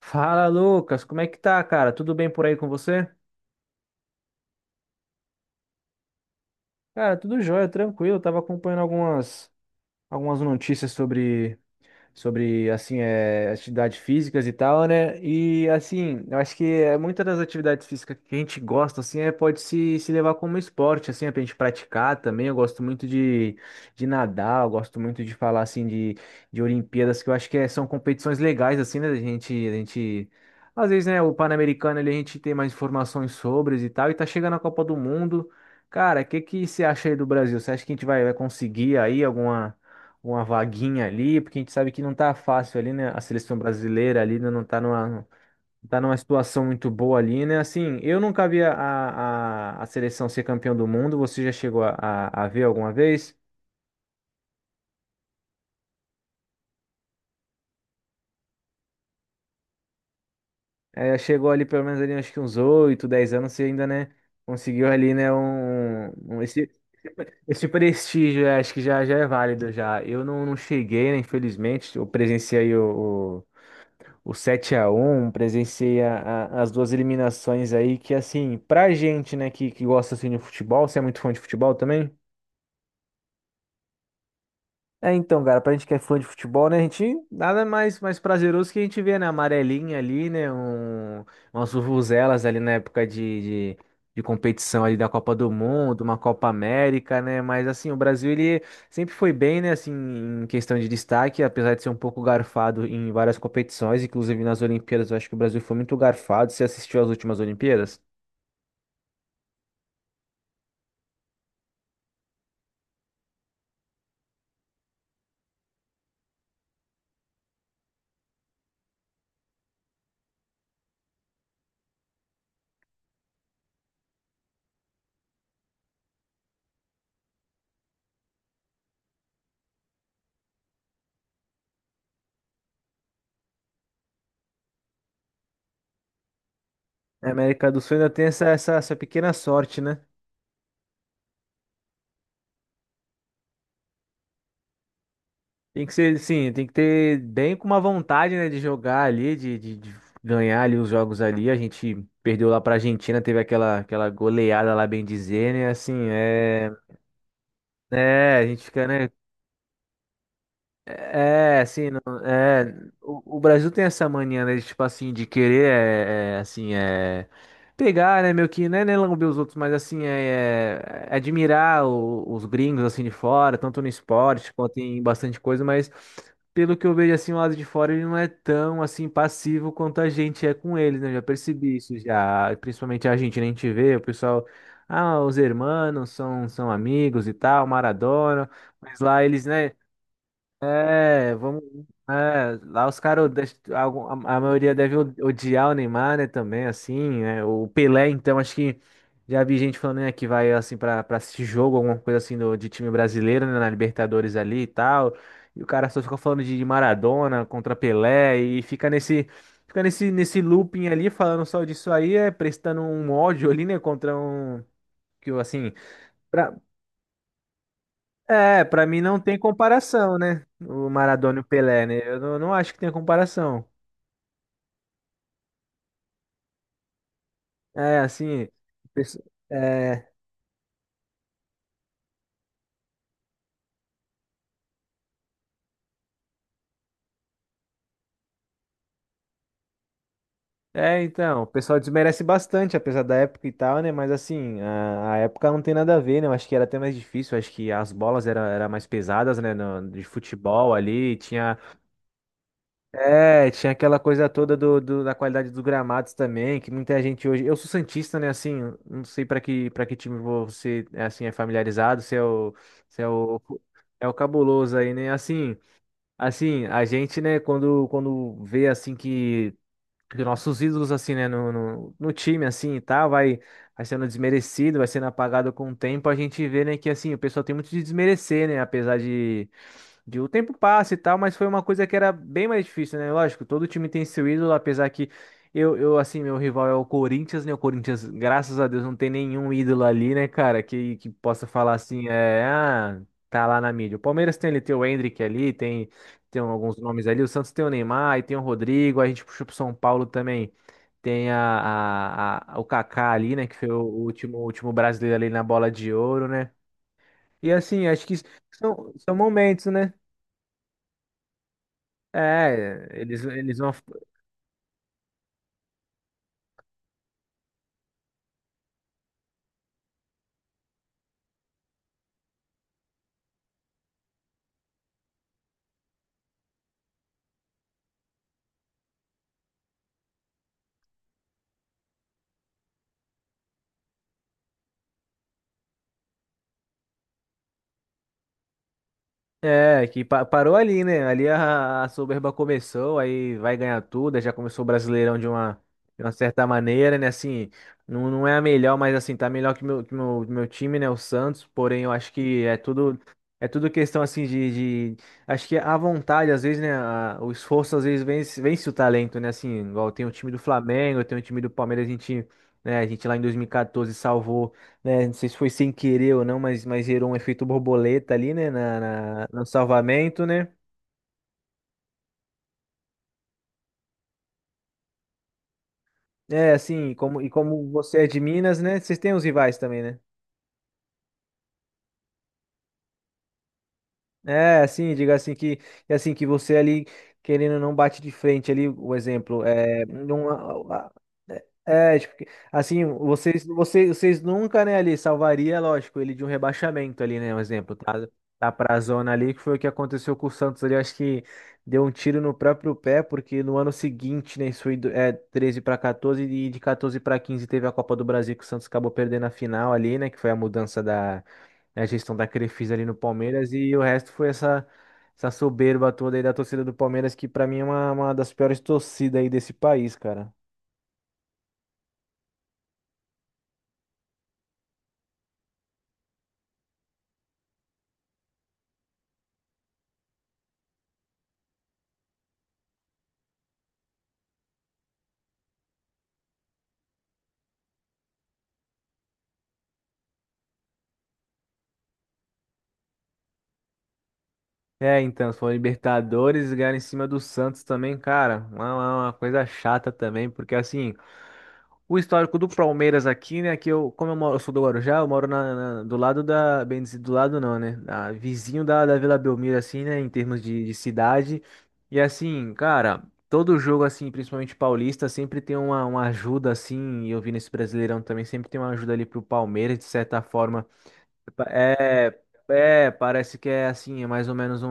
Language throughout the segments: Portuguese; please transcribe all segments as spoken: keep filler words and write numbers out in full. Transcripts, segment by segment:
Fala, Lucas, como é que tá, cara? Tudo bem por aí com você? Cara, tudo jóia, tranquilo. Eu tava acompanhando algumas, algumas notícias sobre sobre assim, é, atividades físicas e tal, né? E assim, eu acho que é muitas das atividades físicas que a gente gosta, assim, é, pode se, se levar como esporte, assim, é pra gente praticar também. Eu gosto muito de, de nadar, eu gosto muito de falar, assim, de, de Olimpíadas, que eu acho que é- são competições legais, assim, né? A gente, a gente às vezes, né, o Pan-Americano ali, a gente tem mais informações sobre e tal, e tá chegando a Copa do Mundo. Cara, o que que você acha aí do Brasil? Você acha que a gente vai, vai conseguir aí alguma, uma vaguinha ali, porque a gente sabe que não tá fácil ali, né? A seleção brasileira ali, né, não tá numa, não tá numa situação muito boa ali, né? Assim, eu nunca vi a, a, a seleção ser campeão do mundo. Você já chegou a, a, a ver alguma vez? É, chegou ali pelo menos ali, acho que uns oito dez anos, você ainda, né, conseguiu ali, né, um, um- esse, esse prestígio. É, acho que já, já é válido já. Eu não, não cheguei, né, infelizmente. Eu presenciei o o sete a um, presenciei a- a- as duas eliminações aí, que, assim, pra gente, né, que, que gosta assim de futebol. Você é muito fã de futebol também? É, então, cara, pra gente que é fã de futebol, né, a gente, nada mais, mais prazeroso que a gente vê, né, a amarelinha ali, né, um, umas vuvuzelas ali na época de, de, de competição ali da Copa do Mundo, uma Copa América, né. Mas, assim, o Brasil, ele sempre foi bem, né, assim, em questão de destaque, apesar de ser um pouco garfado em várias competições, inclusive nas Olimpíadas. Eu acho que o Brasil foi muito garfado. Você assistiu às últimas Olimpíadas? A América do Sul ainda tem essa, essa, essa pequena sorte, né? Tem que ser, sim, tem que ter bem com uma vontade, né, de jogar ali, de, de- de ganhar ali os jogos ali. A gente perdeu lá pra Argentina, teve aquela, aquela, goleada lá, bem dizer, né? Assim, é. É, a gente fica, né? É, assim. É, o, o Brasil tem essa mania, né, de, tipo assim, de querer, é, é, assim, é, pegar, né, meio que, né, né, lamber os outros. Mas, assim, é, é admirar o- os gringos, assim, de fora, tanto no esporte quanto em bastante coisa. Mas, pelo que eu vejo, assim, o lado de fora, ele não é tão, assim, passivo quanto a gente é com eles, né. Eu já percebi isso já, principalmente a gente, né. A gente vê o pessoal: ah, os hermanos são, são amigos e tal, Maradona, mas lá eles, né? É, vamos. É, lá os caras odeiam, algum- a a maioria deve o- odiar o Neymar, né? Também, assim, é, o Pelé, então, acho que já vi gente falando, né, que vai, assim, pra, pra assistir jogo, alguma coisa assim do, de time brasileiro, né? Na Libertadores ali e tal. E o cara só fica falando de Maradona contra Pelé, e fica nesse. Fica nesse, nesse looping ali, falando só disso aí, é, prestando um ódio ali, né, contra um. Que, assim. É, pra mim não tem comparação, né? O Maradona e o Pelé, né? Eu não, não acho que tem comparação. É, assim, o pesso-, é, é, então, o pessoal desmerece bastante, apesar da época e tal, né? Mas, assim, a, a época não tem nada a ver, né? Eu acho que era até mais difícil. Eu acho que as bolas eram era era mais pesadas, né? No-, de futebol ali, tinha. É, tinha aquela coisa toda do, do- da qualidade dos gramados também, que muita gente hoje. Eu sou santista, né? Assim, não sei para que para que time você é, assim, é familiarizado, se é o, se é o é o cabuloso aí, né? Assim, assim, a gente, né? Quando quando vê assim que, que nossos ídolos, assim, né, no, no, no time assim e tal, vai vai sendo desmerecido, vai sendo apagado com o tempo. A gente vê, né, que, assim, o pessoal tem muito de desmerecer, né? Apesar de de o tempo passa e tal, mas foi uma coisa que era bem mais difícil, né? Lógico, todo time tem seu ídolo. Apesar que eu, eu, assim, meu rival é o Corinthians, né? O Corinthians, graças a Deus, não tem nenhum ídolo ali, né, cara, que, que possa falar assim, é, ah, tá lá na mídia. O Palmeiras tem ali, tem o Endrick ali, tem, tem alguns nomes ali. O Santos tem o Neymar, e tem o Rodrigo, a gente puxou pro São Paulo também. Tem a, a- a- o Kaká ali, né? Que foi o último, o último brasileiro ali na bola de ouro, né? E, assim, acho que são, são, momentos, né? É, eles, eles vão. É, que pa-, parou ali, né? Ali a, a soberba começou, aí vai ganhar tudo, aí já começou o Brasileirão de uma, de uma certa maneira, né? Assim, não, não é a melhor, mas, assim, tá melhor que meu, que meu, meu time, né? O Santos, porém eu acho que é tudo. É tudo questão, assim, de, de-. Acho que a vontade, às vezes, né, a-, o esforço às vezes vence, vence o talento, né? Assim, igual tem o time do Flamengo, tem o time do Palmeiras. A gente, né, a gente lá em dois mil e quatorze salvou, né? Não sei se foi sem querer ou não, mas, mas gerou um efeito borboleta ali, né? Na, na- no salvamento, né? É, assim, como, e como você é de Minas, né? Vocês têm os rivais também, né? É, assim, diga assim que é, assim, que você ali, querendo ou não, bate de frente ali. O exemplo é não, a-, a-, é é, tipo, que- assim, vocês vocês vocês nunca, né, ali salvaria, lógico, ele de um rebaixamento ali, né, um exemplo. Tá, tá pra zona ali, que foi o que aconteceu com o Santos ali, acho que deu um tiro no próprio pé. Porque no ano seguinte, né, isso foi do-, é, treze para quatorze, e de quatorze para quinze teve a Copa do Brasil, que o Santos acabou perdendo a final ali, né, que foi a mudança, né, a gestão da Crefisa ali no Palmeiras. E o resto foi essa, essa soberba toda aí da torcida do Palmeiras, que, pra mim, é uma, uma das piores torcidas aí desse país, cara. É, então, foram Libertadores, ganhar em cima do Santos também, cara, uma, uma uma coisa chata também, porque, assim. O histórico do Palmeiras aqui, né? Que eu, como eu moro, eu sou do Guarujá, eu moro na, na- do lado da, bem dizer, do lado não, né, da-, vizinho da, da Vila Belmiro, assim, né? Em termos de, de cidade. E, assim, cara, todo jogo, assim, principalmente paulista, sempre tem uma, uma ajuda, assim. E eu vi nesse Brasileirão também, sempre tem uma ajuda ali pro Palmeiras, de certa forma. É, é, parece que é, assim, é mais ou menos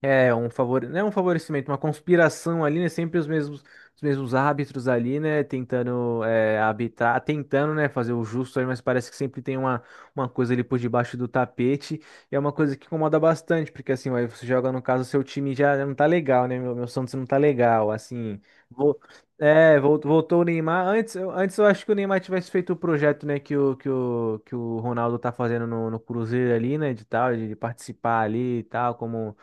é um favor, não é um favorecimento, uma conspiração ali, né? Sempre os mesmos, os mesmos árbitros ali, né, tentando, é, habitar, tentando, né, fazer o justo aí. Mas parece que sempre tem uma, uma coisa ali por debaixo do tapete. E é uma coisa que incomoda bastante, porque, assim, aí você joga, no caso, seu time já não tá legal, né? Meu, meu Santos não tá legal, assim. Vo- é, vol- voltou o Neymar. Antes, eu- antes eu acho que o Neymar tivesse feito o projeto, né, que o, que o, que o Ronaldo tá fazendo no, no Cruzeiro ali, né, de tal, de, de participar ali e tal, como,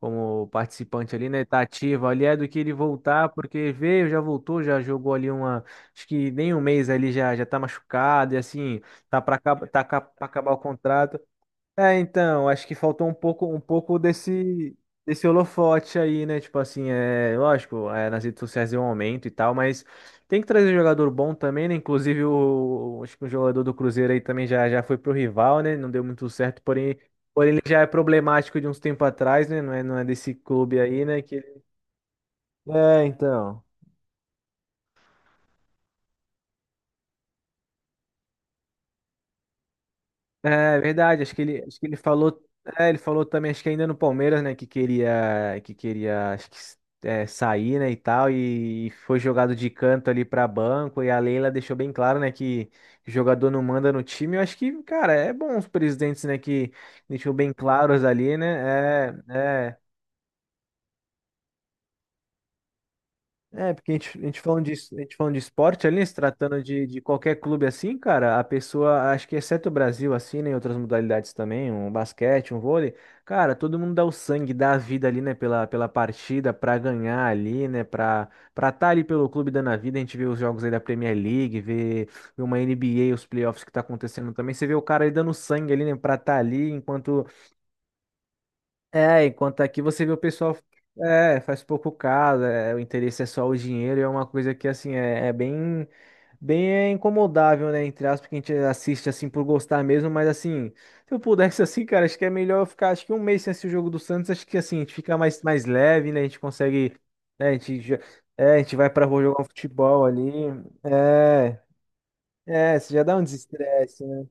como participante ali, né? Tá ativo ali, é do que ele voltar, porque veio, já voltou, já jogou ali uma, acho que nem um mês ali, já já tá machucado. E, assim, tá para tá ca- pra acabar o contrato. É, então, acho que faltou um pouco, um pouco desse, desse holofote aí, né? Tipo assim, é, lógico, é, nas redes sociais é um aumento e tal, mas tem que trazer jogador bom também, né? Inclusive o, acho que o jogador do Cruzeiro aí também já já foi pro rival, né? Não deu muito certo, porém já é problemático de uns tempo atrás, né? Não é, não é desse clube aí, né? Que... É, então. É verdade, acho que ele, acho que ele falou, é, ele falou também, acho que ainda no Palmeiras, né, que queria, que queria, acho que é, sair, né, e tal, e foi jogado de canto ali pra banco. E a Leila deixou bem claro, né, que jogador não manda no time. Eu acho que, cara, é bom os presidentes, né, que deixou bem claros ali, né? É, é. É, porque a gente, a gente falando de, a gente falando de esporte ali, né, se tratando de, de qualquer clube, assim, cara, a pessoa, acho que exceto o Brasil, assim, né, em outras modalidades também, um basquete, um vôlei, cara, todo mundo dá o sangue, dá a vida ali, né, pela, pela partida, pra ganhar ali, né, pra, pra estar ali pelo clube dando a vida. A gente vê os jogos aí da Premier League, vê, vê uma N B A, os playoffs que tá acontecendo também. Você vê o cara aí dando sangue ali, né, pra estar ali, enquanto, é, enquanto aqui você vê o pessoal, é, faz pouco caso. É, o interesse é só o dinheiro. E é uma coisa que, assim, é, é bem, bem é, incomodável, né, entre aspas, que a gente assiste assim por gostar mesmo. Mas, assim, se eu pudesse assim, cara, acho que é melhor eu ficar, acho que, um mês sem assistir o jogo do Santos. Acho que, assim, a gente fica mais mais leve, né, a gente consegue, né. A gente já- é, a gente vai pra rua jogar um futebol ali. É, é, isso já dá um desestresse, né?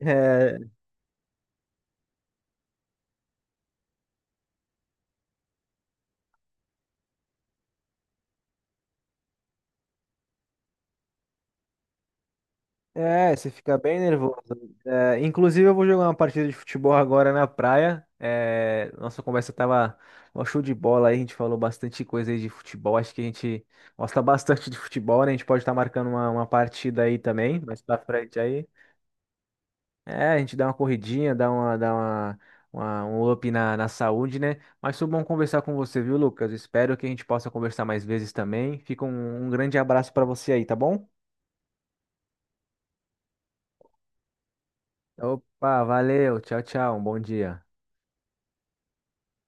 É. É, você fica bem nervoso. É, inclusive, eu vou jogar uma partida de futebol agora na praia. É, nossa conversa tava um show de bola aí. A gente falou bastante coisa aí de futebol. Acho que a gente gosta bastante de futebol, né? A gente pode estar marcando uma, uma partida aí também, mais pra frente aí. É, a gente dá uma corridinha, dá uma, dá uma, uma- um up na, na saúde, né? Mas foi bom conversar com você, viu, Lucas? Espero que a gente possa conversar mais vezes também. Fica um, um grande abraço pra você aí, tá bom? Opa, valeu, tchau, tchau, um bom dia.